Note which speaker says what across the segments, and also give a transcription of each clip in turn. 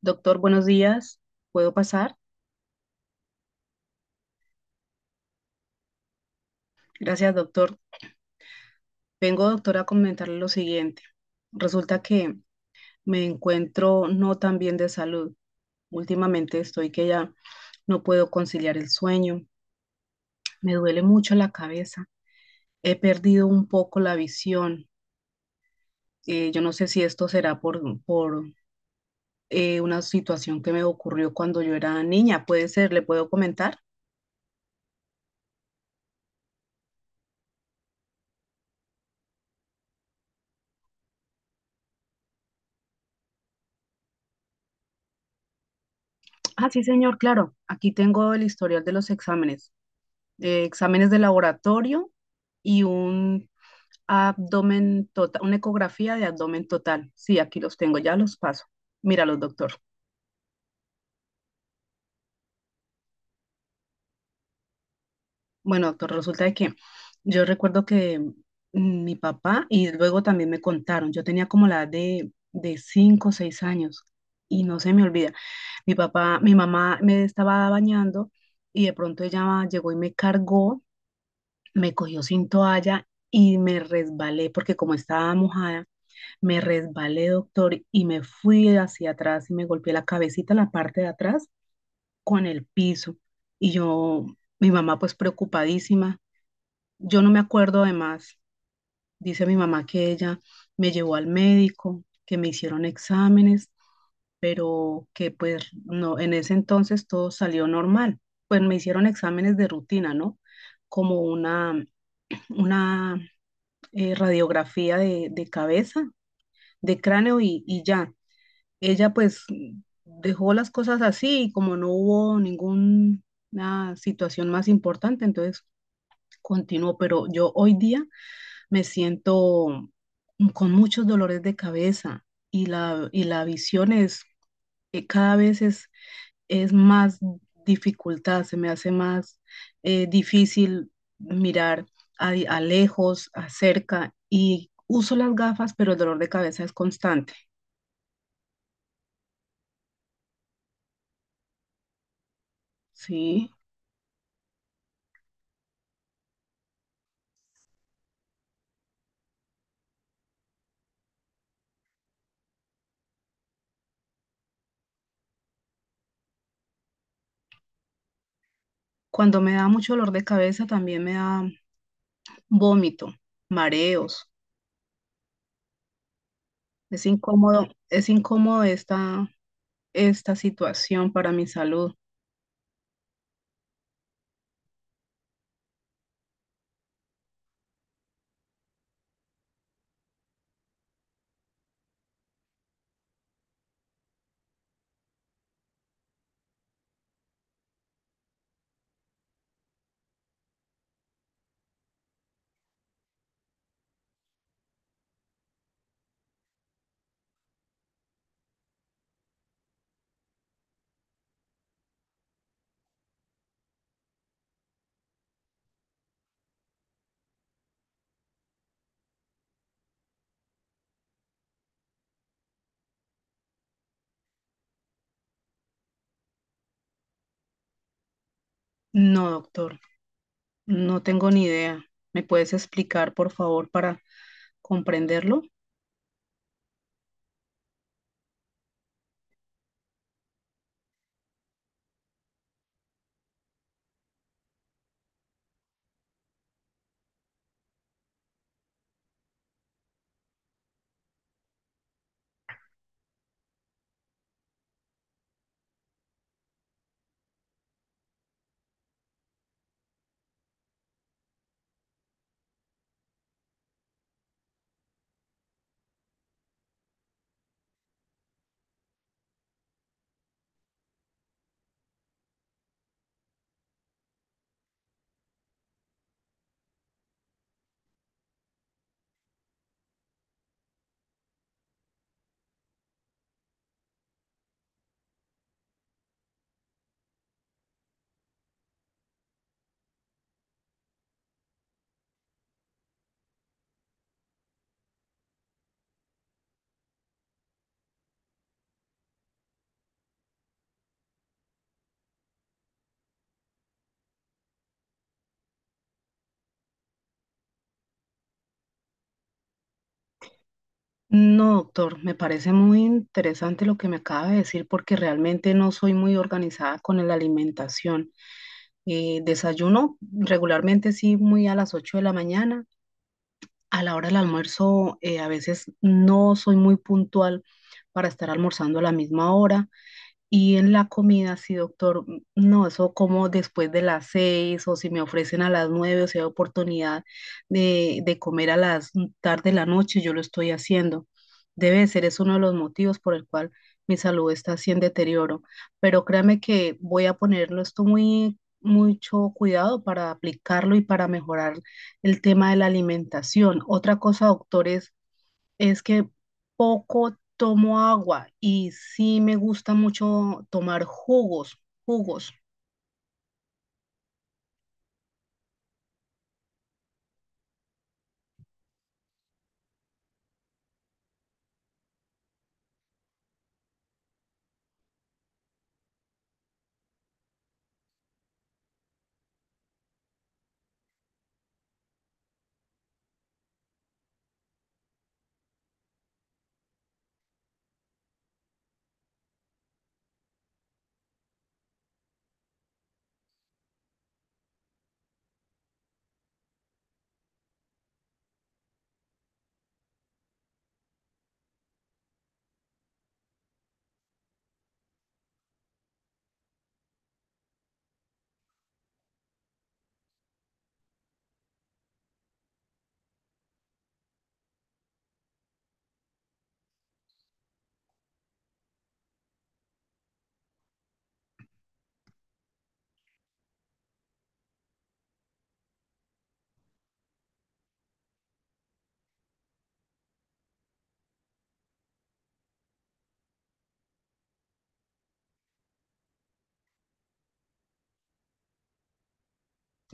Speaker 1: Doctor, buenos días. ¿Puedo pasar? Gracias, doctor. Vengo, doctor, a comentarle lo siguiente. Resulta que me encuentro no tan bien de salud. Últimamente estoy que ya no puedo conciliar el sueño. Me duele mucho la cabeza. He perdido un poco la visión. Yo no sé si esto será por una situación que me ocurrió cuando yo era niña. ¿Puede ser? ¿Le puedo comentar? Ah, sí, señor, claro. Aquí tengo el historial de los exámenes, exámenes de laboratorio y un abdomen total, una ecografía de abdomen total. Sí, aquí los tengo, ya los paso. Míralos, doctor. Bueno, doctor, resulta de que yo recuerdo que mi papá, y luego también me contaron, yo tenía como la edad de 5 o 6 años y no se me olvida. Mi papá, mi mamá me estaba bañando y de pronto ella llegó y me cargó, me cogió sin toalla y me resbalé porque como estaba mojada, me resbalé, doctor, y me fui hacia atrás y me golpeé la cabecita, la parte de atrás, con el piso. Y yo, mi mamá pues preocupadísima. Yo no me acuerdo además, dice mi mamá que ella me llevó al médico, que me hicieron exámenes, pero que pues no, en ese entonces todo salió normal. Pues me hicieron exámenes de rutina, ¿no? Como una radiografía de cabeza, de cráneo y ya ella pues dejó las cosas así y como no hubo ninguna situación más importante, entonces continuó, pero yo hoy día me siento con muchos dolores de cabeza y la, visión es, cada vez es más dificultad, se me hace más difícil mirar a lejos, a cerca, y uso las gafas, pero el dolor de cabeza es constante, ¿sí? Cuando me da mucho dolor de cabeza, también me da vómito, mareos. Es incómodo esta situación para mi salud. No, doctor, no tengo ni idea. ¿Me puedes explicar, por favor, para comprenderlo? No, doctor, me parece muy interesante lo que me acaba de decir porque realmente no soy muy organizada con la alimentación. Desayuno regularmente sí muy a las 8 de la mañana. A la hora del almuerzo, a veces no soy muy puntual para estar almorzando a la misma hora. Y en la comida, sí, doctor, no, eso como después de las 6, o si me ofrecen a las 9, o si hay oportunidad de comer a las tarde de la noche, yo lo estoy haciendo. Debe de ser, es uno de los motivos por el cual mi salud está así en deterioro. Pero créame que voy a ponerlo esto muy, mucho cuidado para aplicarlo y para mejorar el tema de la alimentación. Otra cosa, doctor, es que poco tomo agua y sí me gusta mucho tomar jugos, jugos.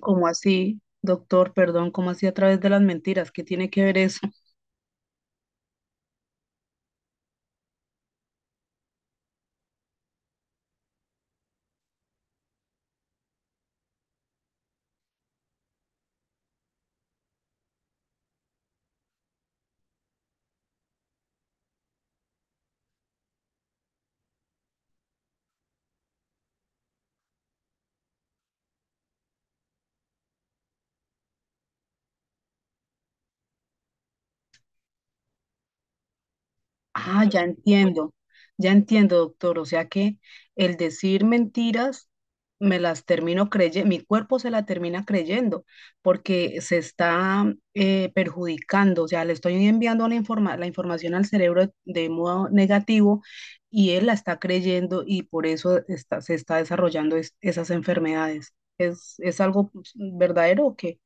Speaker 1: ¿Cómo así, doctor? Perdón, ¿cómo así a través de las mentiras? ¿Qué tiene que ver eso? Ah, ya. Bueno, entiendo, ya entiendo, doctor. O sea que el decir mentiras, me las termino creyendo, mi cuerpo se la termina creyendo porque se está perjudicando. O sea, le estoy enviando la la información al cerebro de modo negativo y él la está creyendo y por eso se está desarrollando esas enfermedades. ¿Es algo pues, verdadero o qué?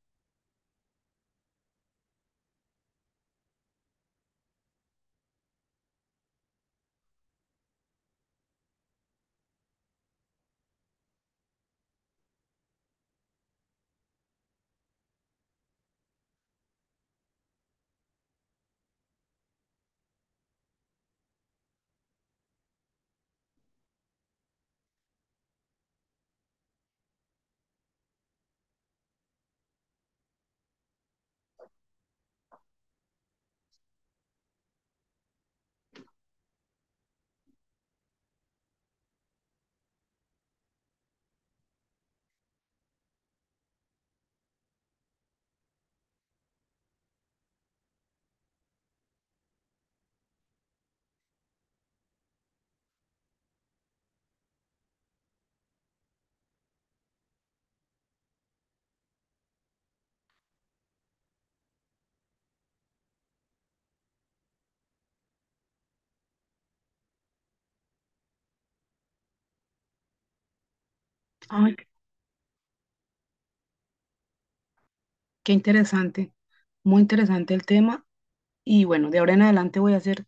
Speaker 1: Ay, qué interesante, muy interesante el tema. Y bueno, de ahora en adelante voy a hacer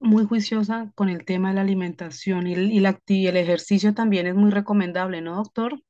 Speaker 1: muy juiciosa con el tema de la alimentación y el ejercicio también es muy recomendable, ¿no, doctor?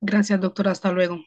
Speaker 1: Gracias, doctor. Hasta luego.